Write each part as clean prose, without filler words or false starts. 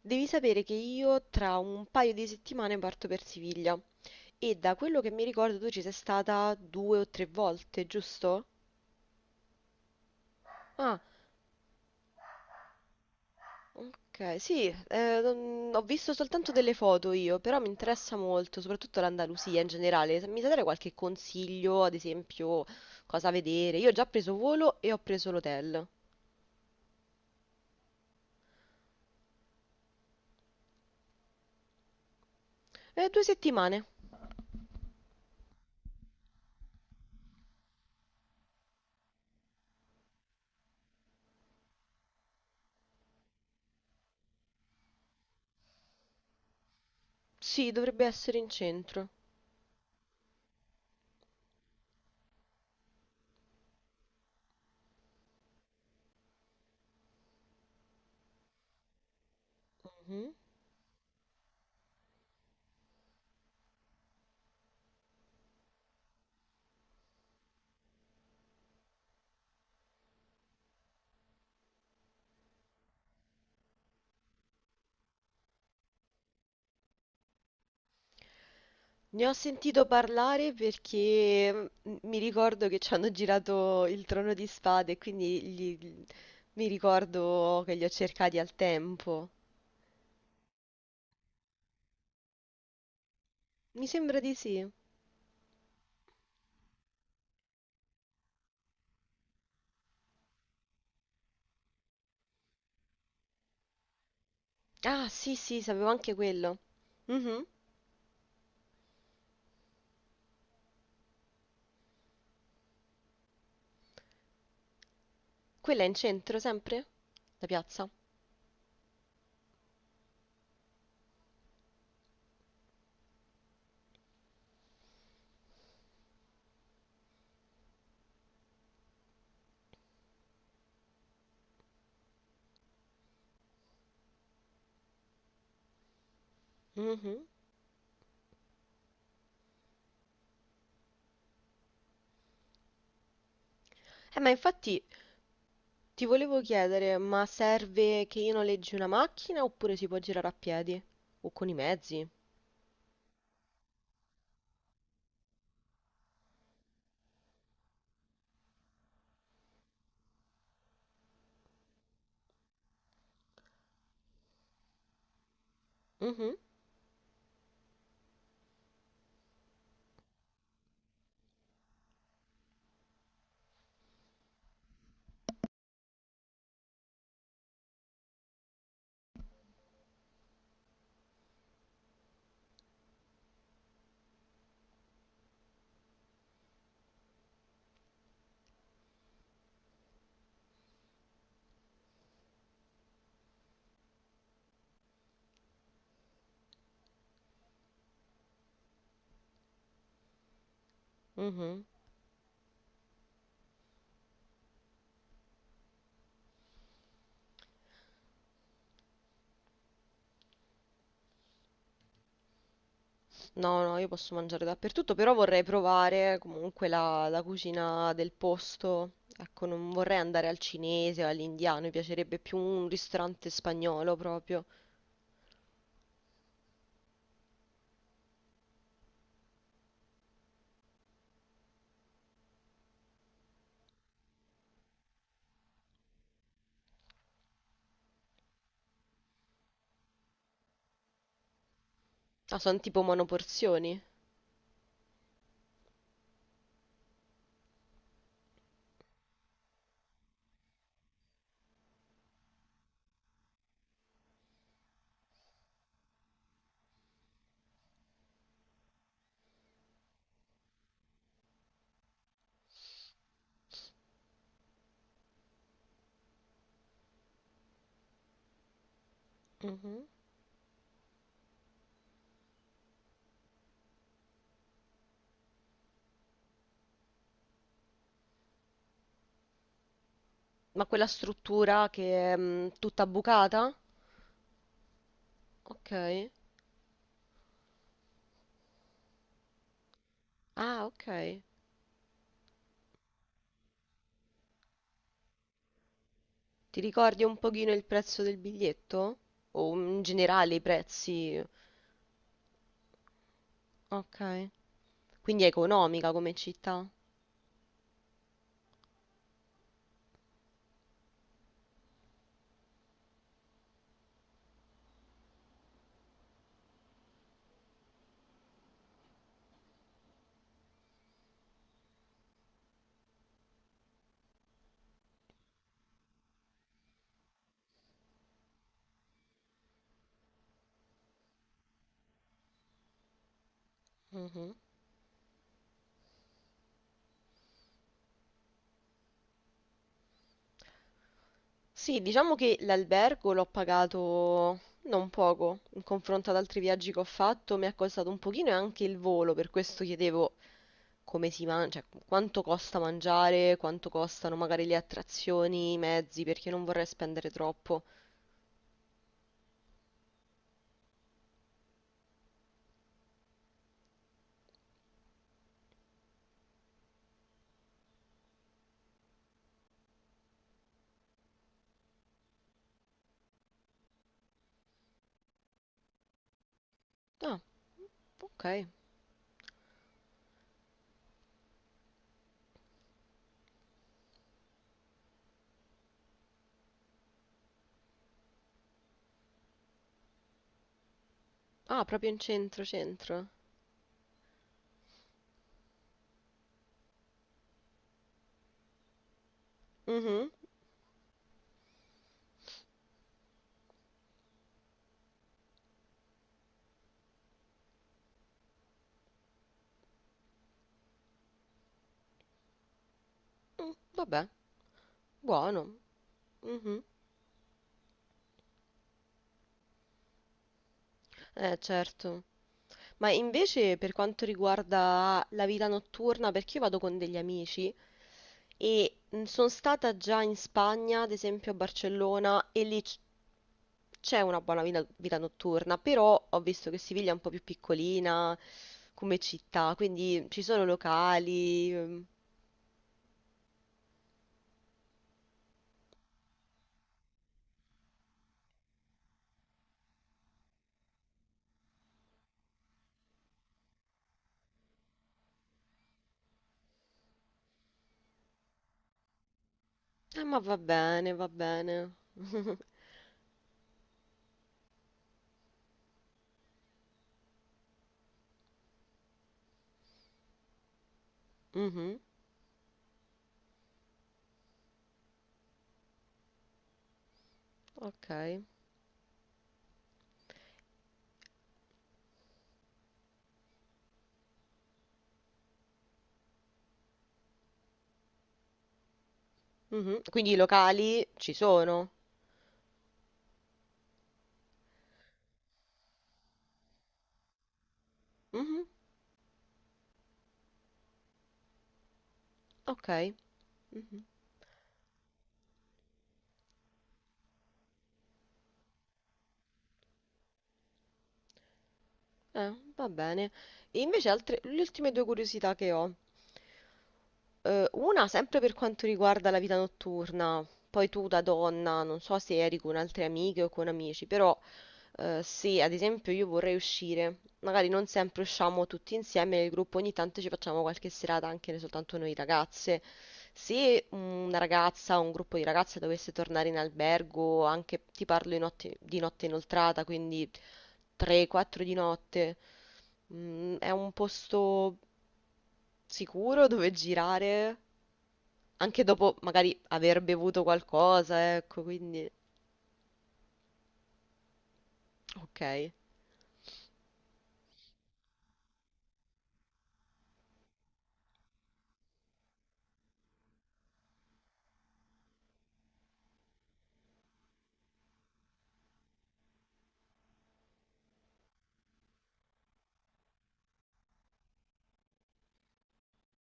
Devi sapere che io tra un paio di settimane parto per Siviglia e da quello che mi ricordo tu ci sei stata due o tre volte, giusto? Ah, ok, sì, ho visto soltanto delle foto io, però mi interessa molto, soprattutto l'Andalusia in generale. Se Mi sai dare qualche consiglio, ad esempio, cosa vedere? Io ho già preso volo e ho preso l'hotel. Due settimane. Sì, dovrebbe essere in centro. Ne ho sentito parlare perché mi ricordo che ci hanno girato il Trono di Spade, mi ricordo che li ho cercati al tempo. Mi sembra di sì. Ah, sì, sì, sapevo anche quello. Mhm. Quella è in centro sempre? La piazza? Mhm. Ma infatti ti volevo chiedere, ma serve che io noleggi una macchina oppure si può girare a piedi? O con i mezzi? Mhm, mhm. No, no, io posso mangiare dappertutto, però vorrei provare comunque la cucina del posto. Ecco, non vorrei andare al cinese o all'indiano, mi piacerebbe più un ristorante spagnolo proprio. Ah, sono tipo monoporzioni. Mhm. Ma quella struttura che è tutta bucata? Ok. Ah, ok. Ti ricordi un pochino il prezzo del biglietto? O in generale i prezzi? Ok. Quindi è economica come città? Mhm. Sì, diciamo che l'albergo l'ho pagato non poco in confronto ad altri viaggi che ho fatto, mi è costato un pochino e anche il volo, per questo chiedevo come si mangia, cioè, quanto costa mangiare, quanto costano magari le attrazioni, i mezzi, perché non vorrei spendere troppo. Ah, ok. Ah, proprio in centro, centro. Mhm. Mm, vabbè, buono. Mhm. Certo. Ma invece per quanto riguarda la vita notturna, perché io vado con degli amici, e sono stata già in Spagna, ad esempio a Barcellona, e c'è una buona vita notturna, però ho visto che Siviglia è un po' più piccolina come città, quindi ci sono locali. Ehm. Ma va bene, va bene. Mhm, ok. Mhm. Quindi i locali ci sono. Mhm, ok. Mhm. Va bene. E invece altre, le ultime due curiosità che ho. Una sempre per quanto riguarda la vita notturna, poi tu da donna, non so se eri con altre amiche o con amici, però se ad esempio io vorrei uscire, magari non sempre usciamo tutti insieme nel gruppo, ogni tanto ci facciamo qualche serata anche soltanto noi ragazze. Se una ragazza o un gruppo di ragazze dovesse tornare in albergo, anche ti parlo di notte inoltrata, quindi 3-4 di notte. Mm, è un posto sicuro dove girare, anche dopo magari aver bevuto qualcosa, ecco, quindi... Ok.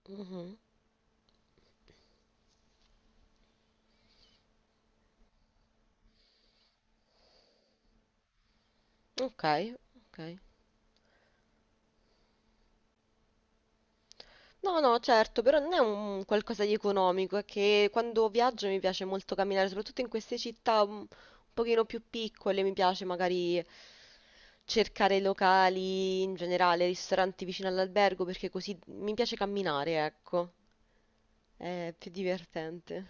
Mhm. Ok, ok. No, no, certo, però non è un qualcosa di economico, è che quando viaggio mi piace molto camminare, soprattutto in queste città un pochino più piccole, mi piace magari cercare locali, in generale, ristoranti vicino all'albergo, perché così mi piace camminare, ecco, è più divertente.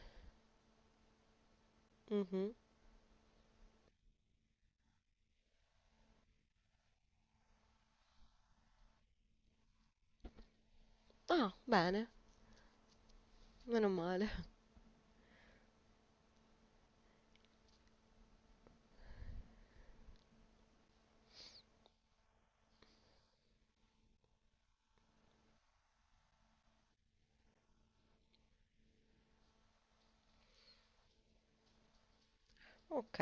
Mhm. Ah, bene. Meno male. Ok,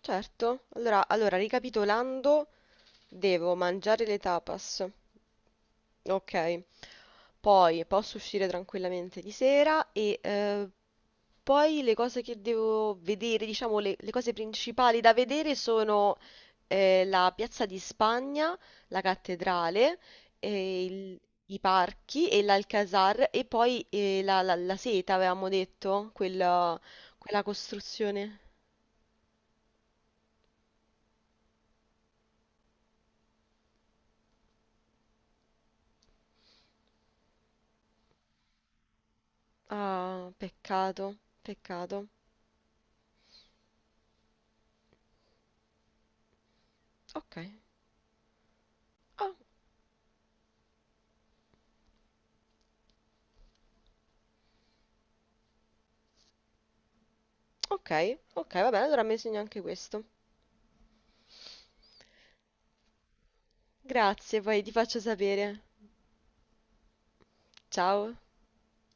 certo. Allora, allora, ricapitolando, devo mangiare le tapas. Ok. Poi posso uscire tranquillamente di sera e poi le cose che devo vedere, diciamo le cose principali da vedere sono la Piazza di Spagna, la cattedrale, e i parchi e l'Alcazar e poi la seta, avevamo detto, quella, quella costruzione. Ah, peccato, peccato. Ok. Ah, ok, ok, va bene, allora mi segno anche questo. Grazie, poi ti faccio sapere. Ciao.